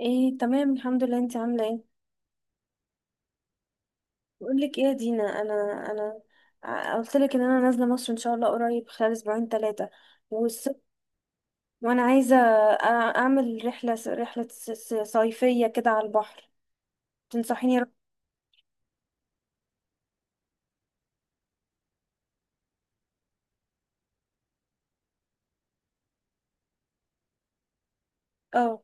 ايه، تمام الحمد لله. انت عامله ايه؟ بقول لك ايه يا دينا. انا قلت لك ان انا نازله مصر ان شاء الله قريب، خلال اسبوعين ثلاثه. والصيف وانا عايزه أع- اعمل رحله صيفيه كده على البحر. تنصحيني اروح؟ اه،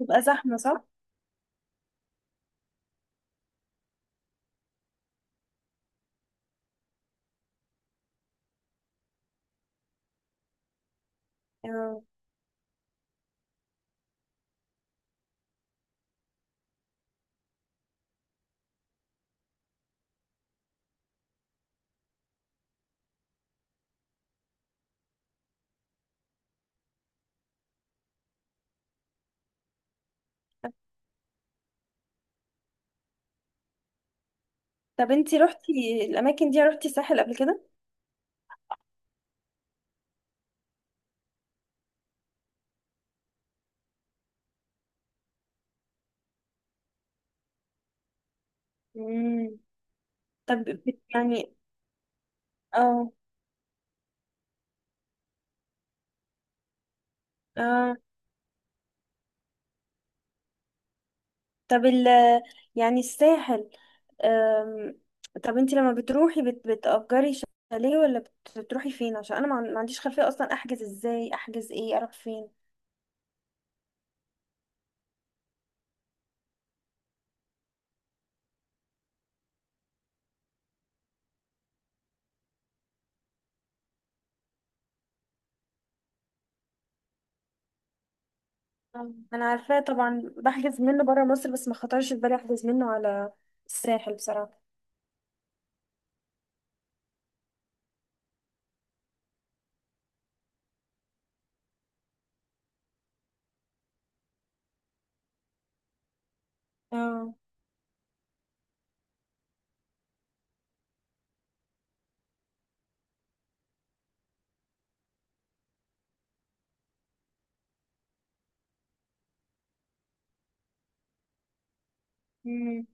تبقى زحمه صح؟ آه. طب انت روحتي الاماكن دي، روحتي ساحل قبل كده؟ امم. طب يعني اه. اه. طب يعني الساحل. أم، طب انت لما بتروحي بتأجري شاليه، ولا بتروحي فين؟ عشان انا ما عنديش خلفية اصلا. احجز ازاي، احجز ايه، اروح فين؟ انا عارفاه طبعا، بحجز منه بره مصر، بس ما خطرش في بالي احجز منه على الساحل بصراحة. اه. مم.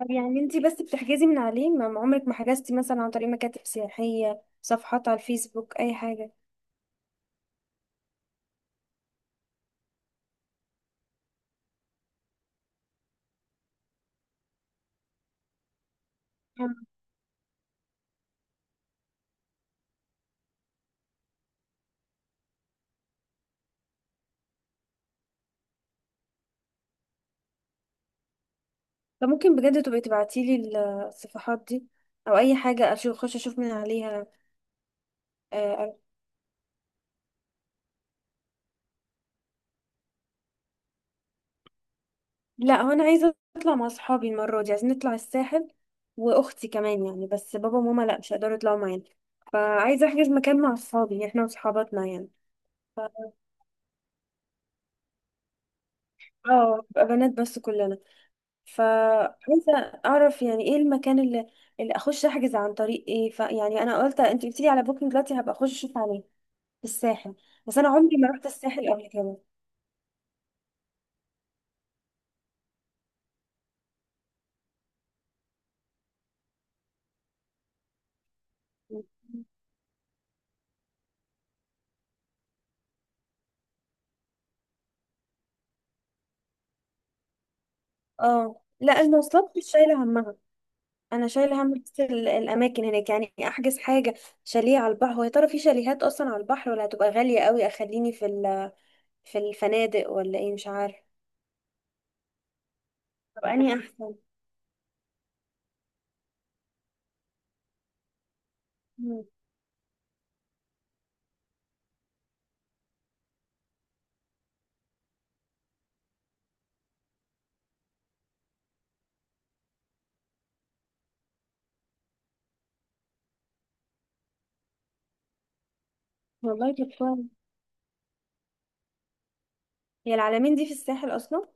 طب يعني انت بس بتحجزي من عليه؟ ما عمرك ما حجزتي مثلا عن طريق مكاتب سياحية، صفحات على الفيسبوك، اي حاجة؟ فممكن بجد تبقي تبعتيلي الصفحات دي، او اي حاجه اشوف، اخش اشوف من عليها. آه، لا هو انا عايزه اطلع مع اصحابي المره دي، عايزين نطلع الساحل واختي كمان يعني، بس بابا وماما لا مش هيقدروا يطلعوا معانا. فعايزه احجز مكان مع اصحابي، يعني احنا وصحاباتنا يعني. اه بقى بنات بس كلنا. فعايزه اعرف يعني ايه المكان اللي اخش احجز عن طريق ايه. فيعني انا قلت، انت قلتيلي على بوكينج، دلوقتي هبقى اخش اشوف عليه في الساحل. بس انا عمري ما رحت الساحل قبل كده. اه، لا المواصلات مش شايله همها. انا شايله هم بس الاماكن هناك. يعني احجز حاجه، شاليه على البحر، هو يا ترى في شاليهات اصلا على البحر، ولا هتبقى غاليه قوي اخليني في في الفنادق، ولا ايه؟ مش عارفه. طب انهي احسن؟ مم. والله دي بتكون، هي العلمين دي في الساحل اصلا؟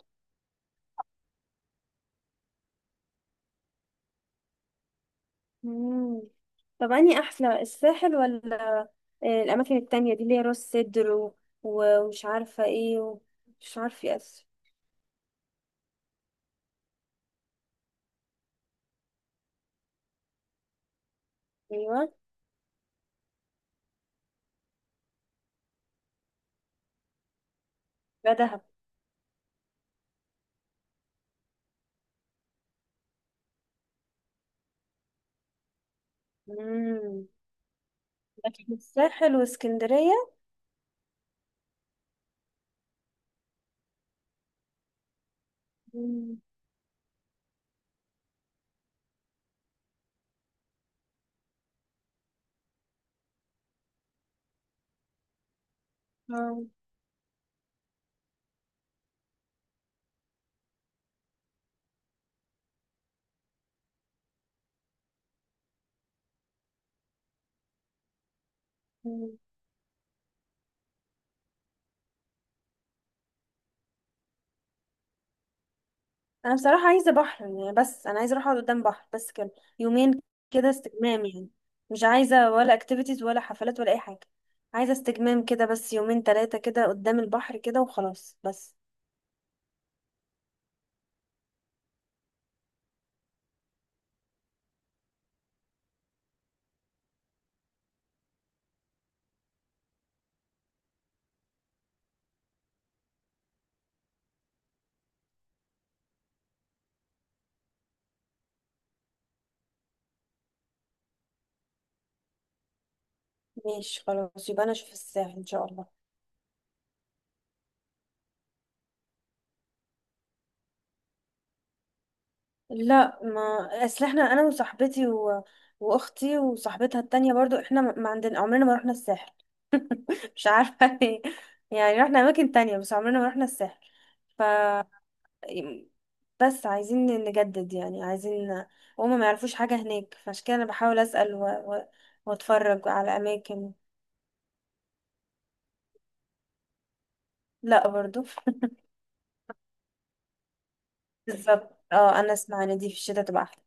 مم. طب انهي احلى، الساحل ولا الاماكن التانية دي اللي هي راس سدر ومش عارفه ايه ومش عارفه ايه أصلاً؟ ايوه. لا دهب. مم. لكن الساحل واسكندريه. مم. آه. مم. انا بصراحه عايزه بحر يعني، بس انا عايزه اروح اقعد قدام بحر بس كده يومين. كده استجمام يعني. مش عايزه ولا اكتيفيتيز ولا حفلات ولا اي حاجه. عايزه استجمام كده بس، يومين ثلاثه كده قدام البحر كده وخلاص بس. ماشي خلاص، يبقى انا اشوف الساحل ان شاء الله. لا، ما اصل احنا انا وصاحبتي واختي وصاحبتها التانية برضو، احنا ما عندنا عمرنا ما رحنا الساحل. مش عارفه ليه. يعني رحنا اماكن تانية بس عمرنا ما رحنا الساحل. ف بس عايزين نجدد يعني، عايزين. هما ما يعرفوش حاجة هناك، فعشان كده انا بحاول اسأل واتفرج على اماكن. لا برضو. بالظبط. اه، انا اسمع ان دي في الشتاء تبقى احلى.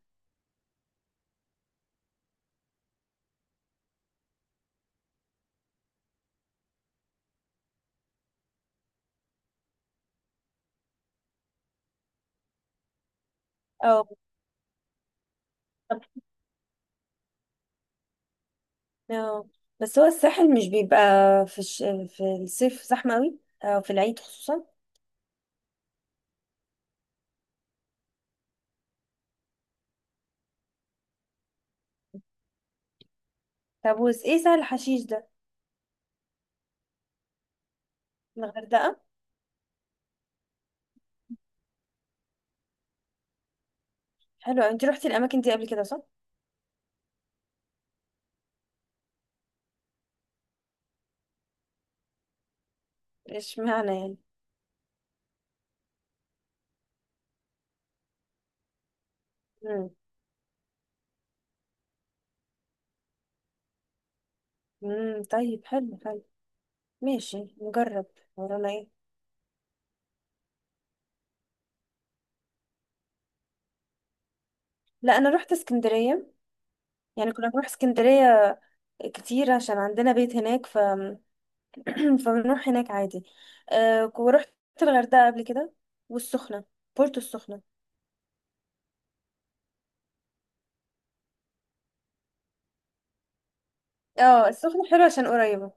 اه بالظبط. اه، بس هو الساحل مش بيبقى في الش... في الصيف زحمة قوي، اه في العيد خصوصا. طب وس ايه سهل الحشيش ده؟ الغردقة. حلو. انت روحتي الاماكن دي قبل كده صح؟ ايش معنى يعني؟ امم امم، طيب حلو حلو، ماشي نجرب. ورانا ايه؟ لا انا رحت اسكندريه، يعني كنا بنروح اسكندريه كتير عشان عندنا بيت هناك. فبنروح هناك عادي. ورحت الغردقه قبل كده، والسخنه، بورتو السخنه. اه، السخنه حلوه عشان قريبه.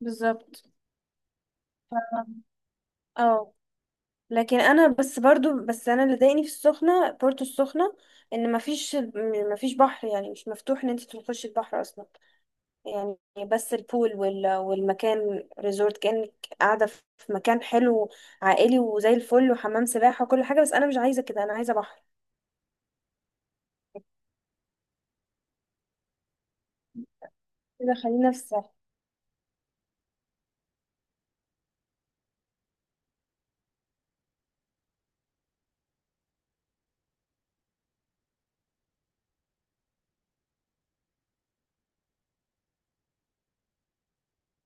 بالظبط. ف- اه. لكن انا بس برضو، بس انا اللي ضايقني في السخنه، بورتو السخنه، ان مفيش بحر يعني، مش مفتوح ان انت تخشي البحر اصلا يعني. بس البول والمكان ريزورت، كأنك قاعدة في مكان حلو عائلي وزي الفل وحمام سباحة وكل حاجة. بس أنا مش عايزة كده، أنا عايزة بحر. كده خلينا في الساحل.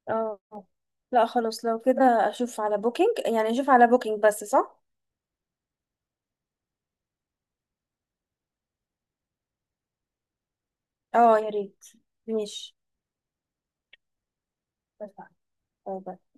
اه لا، خلاص لو كده أشوف على بوكينج، يعني أشوف على بوكينج بس صح؟ اه يا ريت. ماشي، اتفقنا. باي باي.